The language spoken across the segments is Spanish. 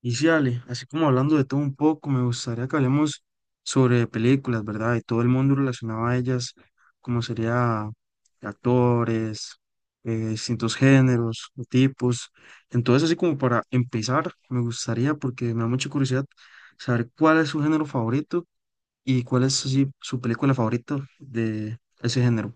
Y sí, Ale, así como hablando de todo un poco, me gustaría que hablemos sobre películas, ¿verdad? Y todo el mundo relacionado a ellas, como sería actores, distintos géneros o tipos. Entonces, así como para empezar, me gustaría, porque me da mucha curiosidad, saber cuál es su género favorito y cuál es, así, su película favorita de ese género.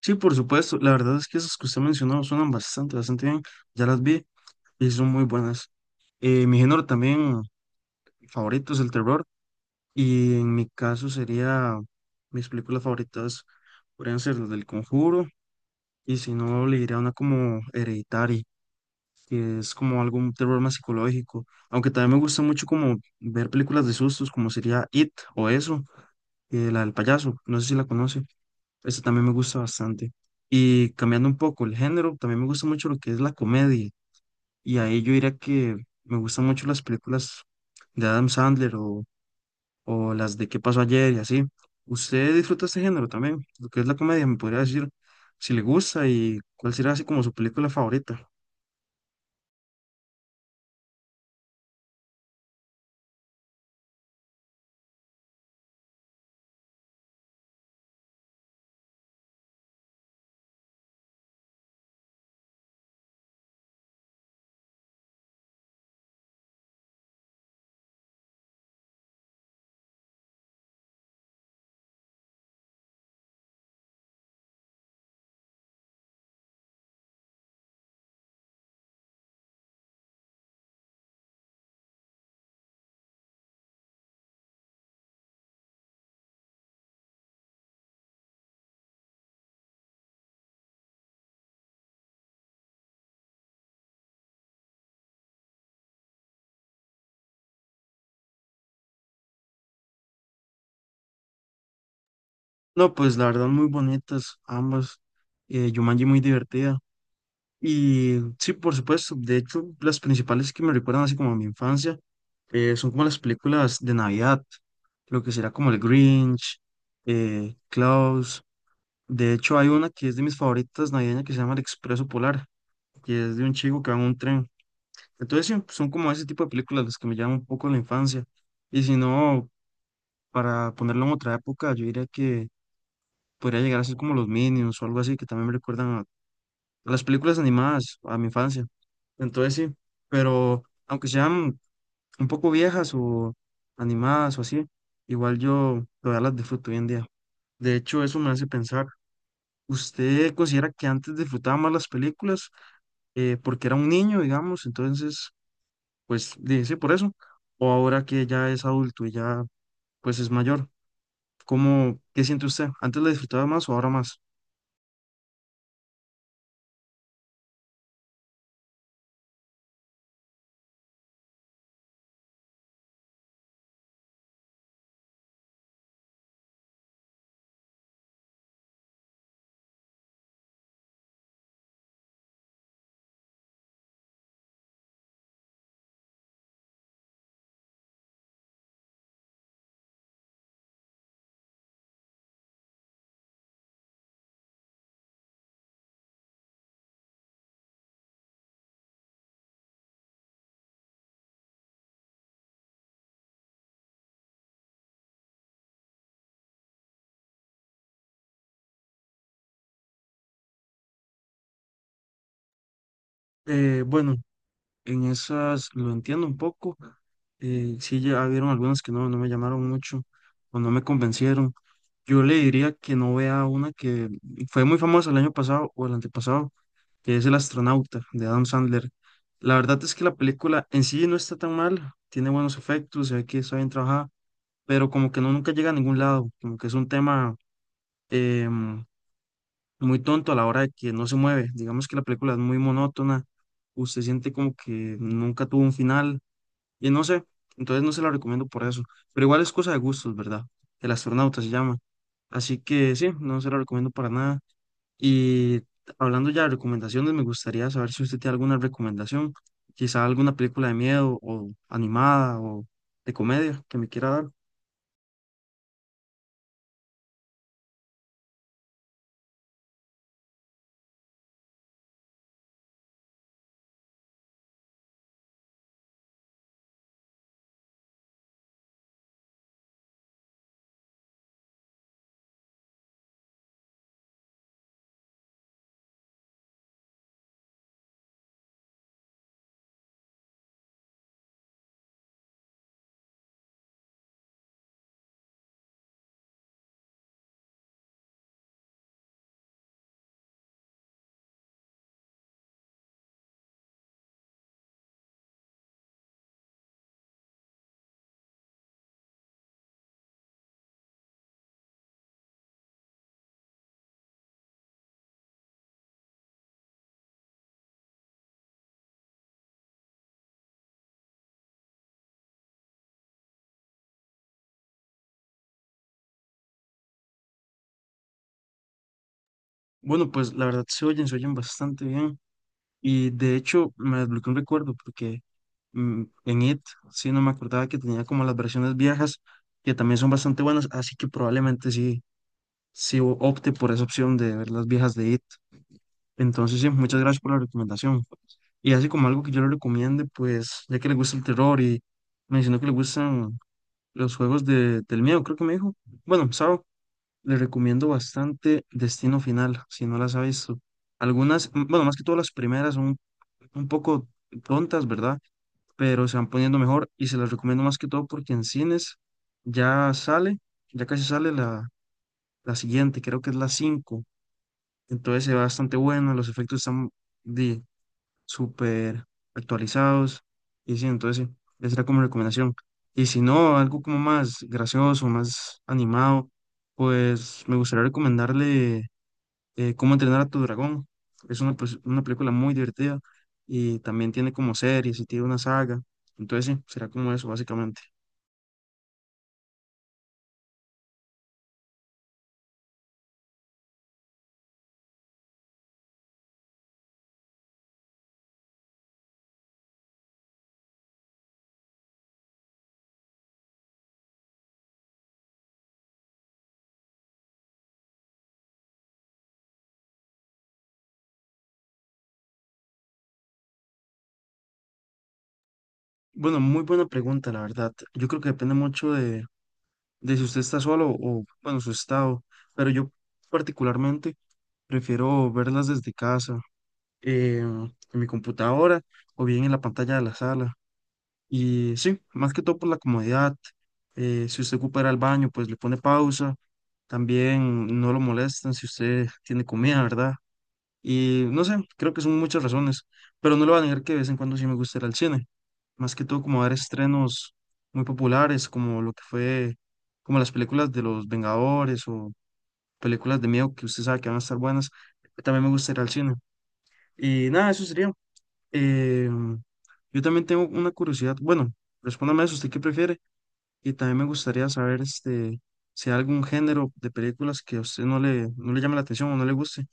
Sí, por supuesto, la verdad es que esas que usted mencionó suenan bastante, bastante bien, ya las vi y son muy buenas. Mi género también favoritos, el terror. Y en mi caso sería, mis películas favoritas podrían ser las del Conjuro, y si no, le diría una como Hereditary, que es como algún terror más psicológico. Aunque también me gusta mucho como ver películas de sustos, como sería It o eso, la del payaso, no sé si la conoce. Esta también me gusta bastante. Y cambiando un poco el género, también me gusta mucho lo que es la comedia. Y ahí yo diría que me gustan mucho las películas de Adam Sandler o las de qué pasó ayer y así. ¿Usted disfruta este género también? Lo que es la comedia, me podría decir si le gusta y cuál será, así como, su película favorita. No, pues la verdad muy bonitas ambas. Jumanji muy divertida. Y sí, por supuesto, de hecho las principales que me recuerdan así como a mi infancia son como las películas de Navidad, lo que será como el Grinch, Klaus. De hecho hay una que es de mis favoritas navideñas que se llama El Expreso Polar, que es de un chico que va en un tren. Entonces sí, son como ese tipo de películas las que me llaman un poco la infancia. Y si no, para ponerlo en otra época, yo diría que podría llegar a ser como los Minions o algo así, que también me recuerdan a las películas animadas, a mi infancia. Entonces sí, pero aunque sean un poco viejas o animadas o así, igual yo todavía las disfruto hoy en día. De hecho, eso me hace pensar, ¿usted considera que antes disfrutaba más las películas porque era un niño, digamos? Entonces sí, por eso. O ahora que ya es adulto y ya pues es mayor, ¿cómo, qué siente usted? ¿Antes la disfrutaba más o ahora más? Bueno, en esas lo entiendo un poco. Sí, ya vieron algunas que no, no me llamaron mucho o no me convencieron. Yo le diría que no vea una que fue muy famosa el año pasado o el antepasado, que es El astronauta de Adam Sandler. La verdad es que la película en sí no está tan mal, tiene buenos efectos, se ve que está bien trabajada, pero como que nunca llega a ningún lado, como que es un tema em, muy tonto a la hora de que no se mueve. Digamos que la película es muy monótona, usted siente como que nunca tuvo un final, y no sé, entonces no se la recomiendo por eso. Pero igual es cosa de gustos, ¿verdad? El astronauta se llama. Así que sí, no se la recomiendo para nada. Y hablando ya de recomendaciones, me gustaría saber si usted tiene alguna recomendación, quizá alguna película de miedo o animada o de comedia que me quiera dar. Bueno, pues la verdad se oyen bastante bien. Y de hecho me desbloqueó un recuerdo porque en IT sí no me acordaba que tenía como las versiones viejas, que también son bastante buenas, así que probablemente sí opte por esa opción de ver las viejas de IT. Entonces sí, muchas gracias por la recomendación. Y así como algo que yo le recomiende, pues ya que le gusta el terror y mencionó que le gustan los juegos del miedo, creo que me dijo. Bueno, Sao, le recomiendo bastante Destino Final, si no las ha visto. Algunas, mm, bueno, más que todas las primeras son un poco tontas, ¿verdad? Pero se van poniendo mejor y se las recomiendo más que todo porque en cines ya sale, ya casi sale la siguiente, creo que es la cinco. Entonces se ve bastante bueno, los efectos están de, súper actualizados y sí, entonces sí, esa era como recomendación. Y si no, algo como más gracioso, más animado, pues me gustaría recomendarle Cómo entrenar a tu dragón. Es una, pues, una película muy divertida y también tiene como series y tiene una saga. Entonces, sí, será como eso, básicamente. Bueno, muy buena pregunta, la verdad. Yo creo que depende mucho de si usted está solo o, bueno, su estado. Pero yo particularmente prefiero verlas desde casa, en mi computadora o bien en la pantalla de la sala. Y sí, más que todo por la comodidad. Si usted ocupa ir al baño, pues le pone pausa. También no lo molestan si usted tiene comida, ¿verdad? Y no sé, creo que son muchas razones, pero no le voy a negar que de vez en cuando sí me gusta ir al cine, más que todo como ver estrenos muy populares, como lo que fue, como las películas de los Vengadores o películas de miedo que usted sabe que van a estar buenas, también me gusta ir al cine. Y nada, eso sería. Em, yo también tengo una curiosidad, bueno, respóndame eso, ¿usted qué prefiere? Y también me gustaría saber este, si hay algún género de películas que a usted no le llame la atención o no le guste.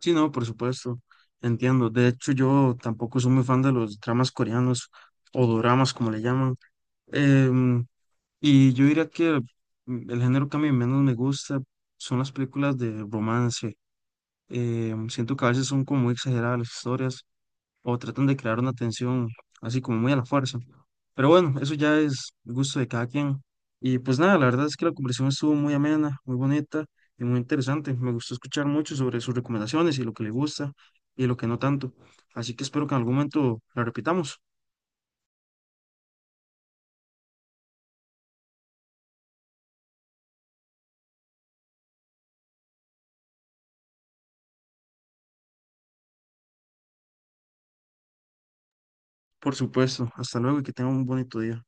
Sí, no, por supuesto, entiendo. De hecho, yo tampoco soy muy fan de los dramas coreanos o doramas, como le llaman. Em, y yo diría que mm, el género que a mí menos me gusta son las películas de romance. Siento que a veces son como muy exageradas las historias o tratan de crear una tensión así como muy a la fuerza. Pero bueno, eso ya es gusto de cada quien. Y pues nada, la verdad es que la conversación estuvo muy amena, muy bonita y muy interesante. Me gustó escuchar mucho sobre sus recomendaciones y lo que le gusta y lo que no tanto. Así que espero que en algún momento la repitamos. Por supuesto, hasta luego y que tengan un bonito día.